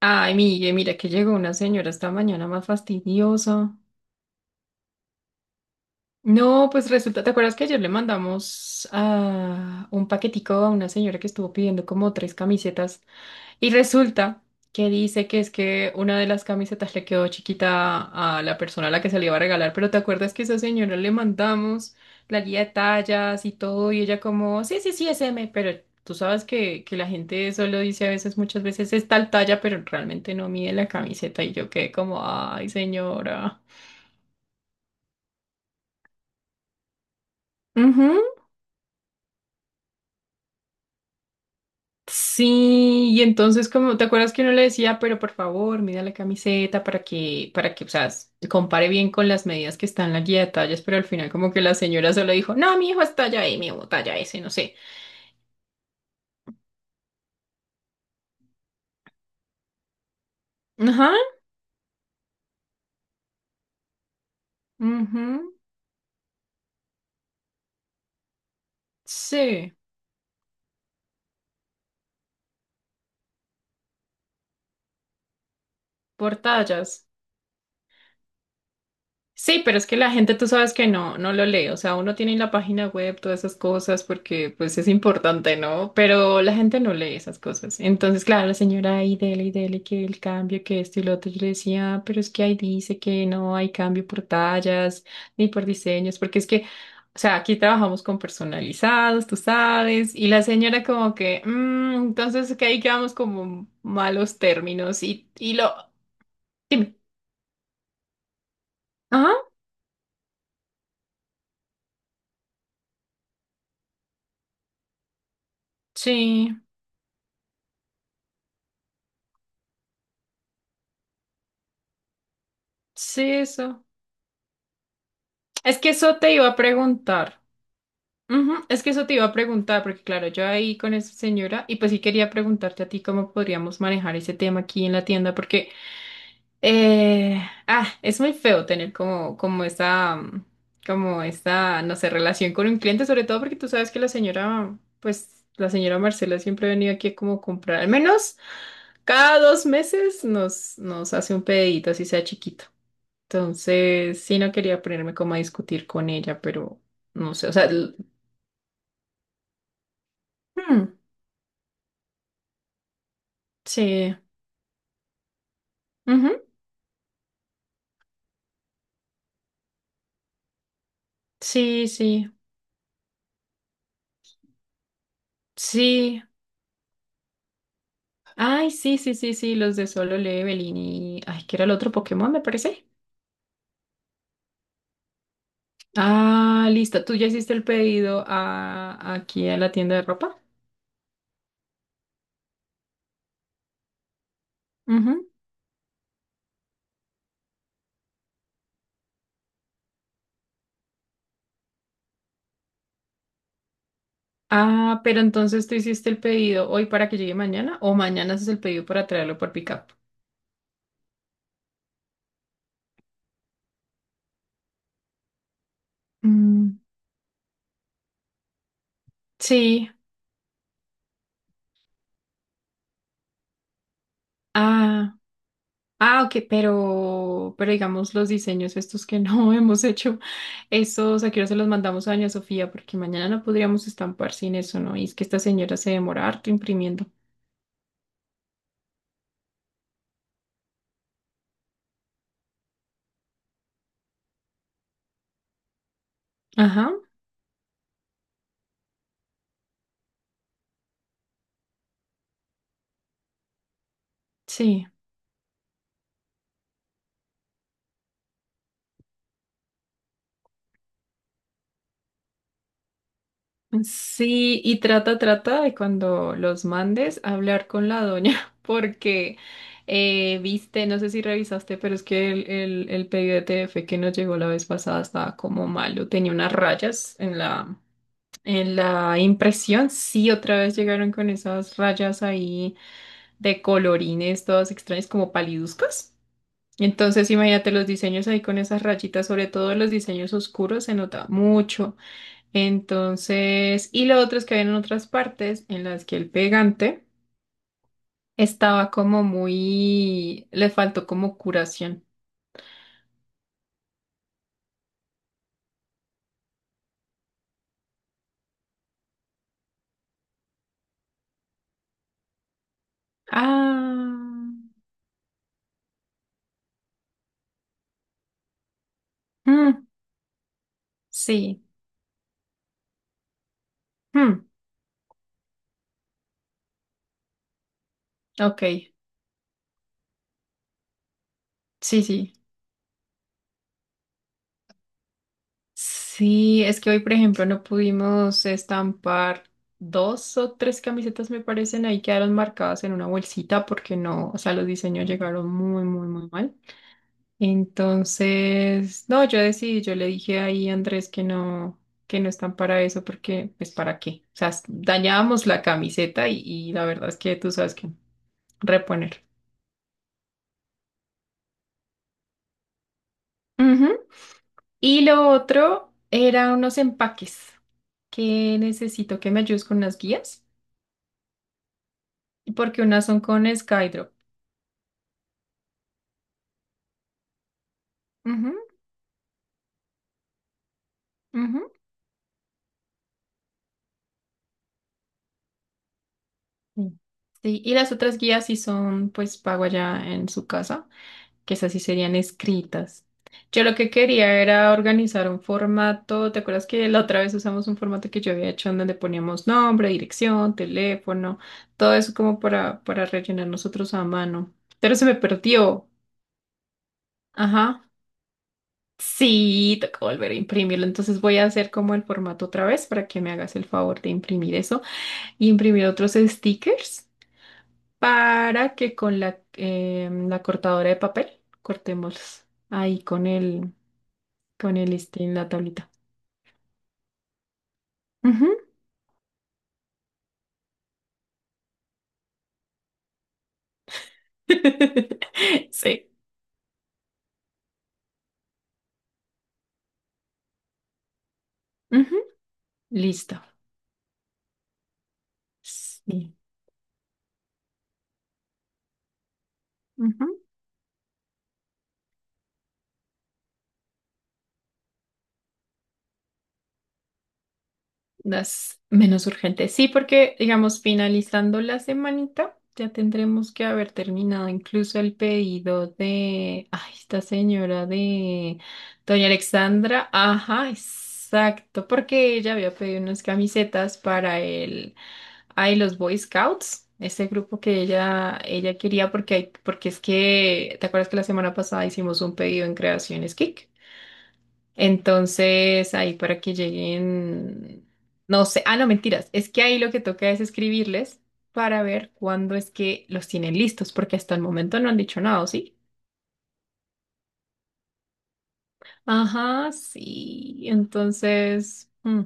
Ay, Miguel, mira que llegó una señora esta mañana más fastidiosa. No, pues resulta, ¿te acuerdas que ayer le mandamos un paquetico a una señora que estuvo pidiendo como tres camisetas? Y resulta que dice que es que una de las camisetas le quedó chiquita a la persona a la que se le iba a regalar, pero ¿te acuerdas que esa señora le mandamos la guía de tallas y todo? Y ella como, sí, sí, sí, es M, pero tú sabes que la gente solo dice a veces, muchas veces es tal talla, pero realmente no mide la camiseta y yo quedé como, ay, señora. Ujú. Sí, y entonces como, ¿te acuerdas que uno le decía, pero por favor, mida la camiseta para que, o sea, compare bien con las medidas que están en la guía de tallas, pero al final como que la señora solo dijo, no, mi hijo es talla M o talla S, no sé. Ajá, ujú, sí, por tallas. Sí, pero es que la gente tú sabes que no lo lee, o sea, uno tiene en la página web todas esas cosas porque pues es importante, ¿no? Pero la gente no lee esas cosas. Entonces, claro, la señora ahí dele y dele que el cambio, que esto y lo otro, yo le decía: "Ah, pero es que ahí dice que no hay cambio por tallas ni por diseños, porque es que, o sea, aquí trabajamos con personalizados, tú sabes", y la señora como que: "Mm, entonces que ahí quedamos como malos términos y lo..." Dime. Ajá, sí, sí, eso. Es que eso te iba a preguntar. Ujú. Es que eso te iba a preguntar, porque claro, yo ahí con esa señora, y pues sí quería preguntarte a ti cómo podríamos manejar ese tema aquí en la tienda, porque eh, es muy feo tener como, como esa, como esta, no sé, relación con un cliente, sobre todo porque tú sabes que la señora, pues la señora Marcela siempre ha venido aquí a como comprar, al menos cada dos meses nos hace un pedidito, así sea chiquito. Entonces, sí, no quería ponerme como a discutir con ella, pero no sé, o sea, hmm, sí, ujú, sí, sí, sí. Ay, sí, sí, sí, sí, los de Solo Leveling y... Ay, ¿qué era el otro? Pokémon, me parece. Ah, listo, tú ya hiciste el pedido a, aquí a la tienda de ropa. Ujú. Ah, pero entonces tú hiciste el pedido hoy para que llegue mañana, o mañana haces el pedido para traerlo por pickup. Mm, sí. Ah. Ah, ok, pero digamos los diseños estos que no hemos hecho, esos aquí se los mandamos a Doña Sofía, porque mañana no podríamos estampar sin eso, ¿no? Y es que esta señora se demora harto imprimiendo. Ajá, sí. Sí, y trata, trata de cuando los mandes hablar con la doña, porque viste, no sé si revisaste, pero es que el pedido de TF que nos llegó la vez pasada estaba como malo, tenía unas rayas en la... En la impresión, sí, otra vez llegaron con esas rayas ahí de colorines, todas extrañas, como paliduzcas. Entonces, imagínate los diseños ahí con esas rayitas, sobre todo los diseños oscuros, se nota mucho. Entonces, y lo otro es que había en otras partes en las que el pegante estaba como muy, le faltó como curación. Ah, mm, sí, mm, ok, sí, sí. Sí, es que hoy, por ejemplo, no pudimos estampar dos o tres camisetas, me parecen, ahí quedaron marcadas en una bolsita porque no, o sea, los diseños llegaron muy, muy, muy mal. Entonces, no, yo decidí, yo le dije ahí a Andrés que no están para eso porque, pues, ¿para qué? O sea, dañábamos la camiseta y la verdad es que tú sabes que reponer. Ujú. Y lo otro eran unos empaques que necesito que me ayudes con las guías, porque unas son con Skydrop. Ujú, ujú. Sí. Sí, y las otras guías sí son, pues, pago allá en su casa, que esas sí serían escritas. Yo lo que quería era organizar un formato, ¿te acuerdas que la otra vez usamos un formato que yo había hecho en donde poníamos nombre, dirección, teléfono, todo eso como para rellenar nosotros a mano? Pero se me perdió. Ajá. Sí, tocó volver a imprimirlo. Entonces voy a hacer como el formato otra vez para que me hagas el favor de imprimir eso, y imprimir otros stickers para que con la, la cortadora de papel cortemos ahí con el este en la tablita. Ujú. Sí. Ujú. Listo. Sí. Ujú. Las menos urgentes. Sí, porque, digamos, finalizando la semanita, ya tendremos que haber terminado incluso el pedido de, ay, esta señora de Doña Alexandra. Ajá, exacto, porque ella había pedido unas camisetas para el, ay, los Boy Scouts, ese grupo que ella quería, porque hay, porque es que, ¿te acuerdas que la semana pasada hicimos un pedido en Creaciones Kick? Entonces, ahí para que lleguen, no sé, ah, no, mentiras, es que ahí lo que toca es escribirles para ver cuándo es que los tienen listos, porque hasta el momento no han dicho nada, ¿o sí? Ajá, sí, entonces, mm,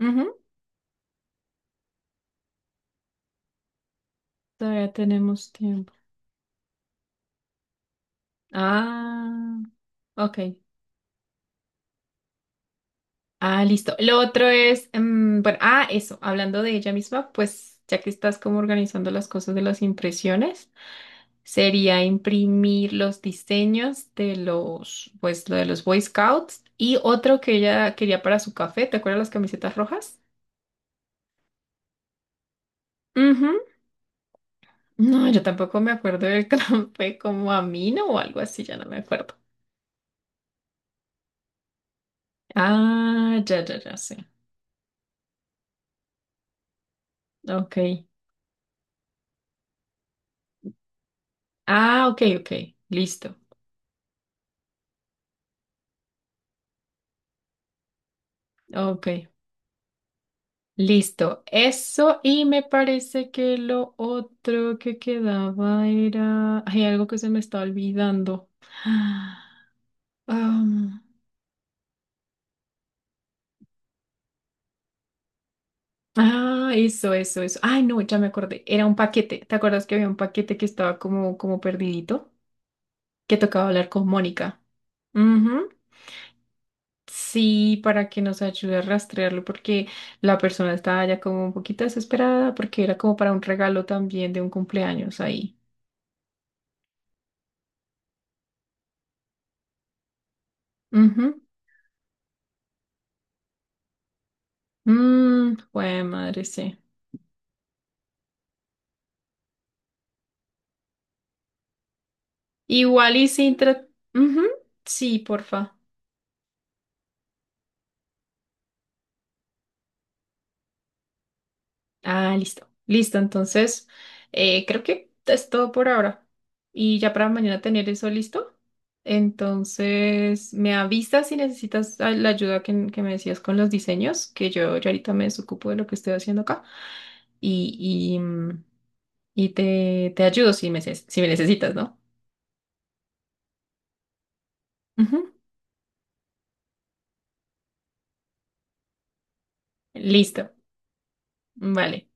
ujú, todavía tenemos tiempo. Ah, ok. Ah, listo. Lo otro es, mm, bueno, ah, eso, hablando de ella misma, pues ya que estás como organizando las cosas de las impresiones, sería imprimir los diseños de los, pues, lo de los Boy Scouts y otro que ella quería para su café. ¿Te acuerdas las camisetas rojas? Ujú. No, yo tampoco me acuerdo del café, como Amino o algo así, ya no me acuerdo. Ah, ya, ya, ya sé. Ok. Ah, ok, ok. Listo. Ok. Listo. Eso y me parece que lo otro que quedaba era... Hay algo que se me está olvidando. Ah. Ah, eso, eso, eso. Ay, no, ya me acordé. Era un paquete. ¿Te acuerdas que había un paquete que estaba como, como perdidito? Que tocaba hablar con Mónica. Ujú. Sí, para que nos ayude a rastrearlo, porque la persona estaba ya como un poquito desesperada, porque era como para un regalo también de un cumpleaños ahí. Ujú. Mm, jue madre, sí. Igual y sin tra- ujú. Sí, porfa. Ah, listo. Listo, entonces creo que es todo por ahora. Y ya para mañana tener eso listo. Entonces me avisas si necesitas la ayuda que me decías con los diseños, que yo ya ahorita me desocupo de lo que estoy haciendo acá. Y, y, mm, y te, te ayudo si me, si me necesitas, ¿no? Ujú. Listo. Vale.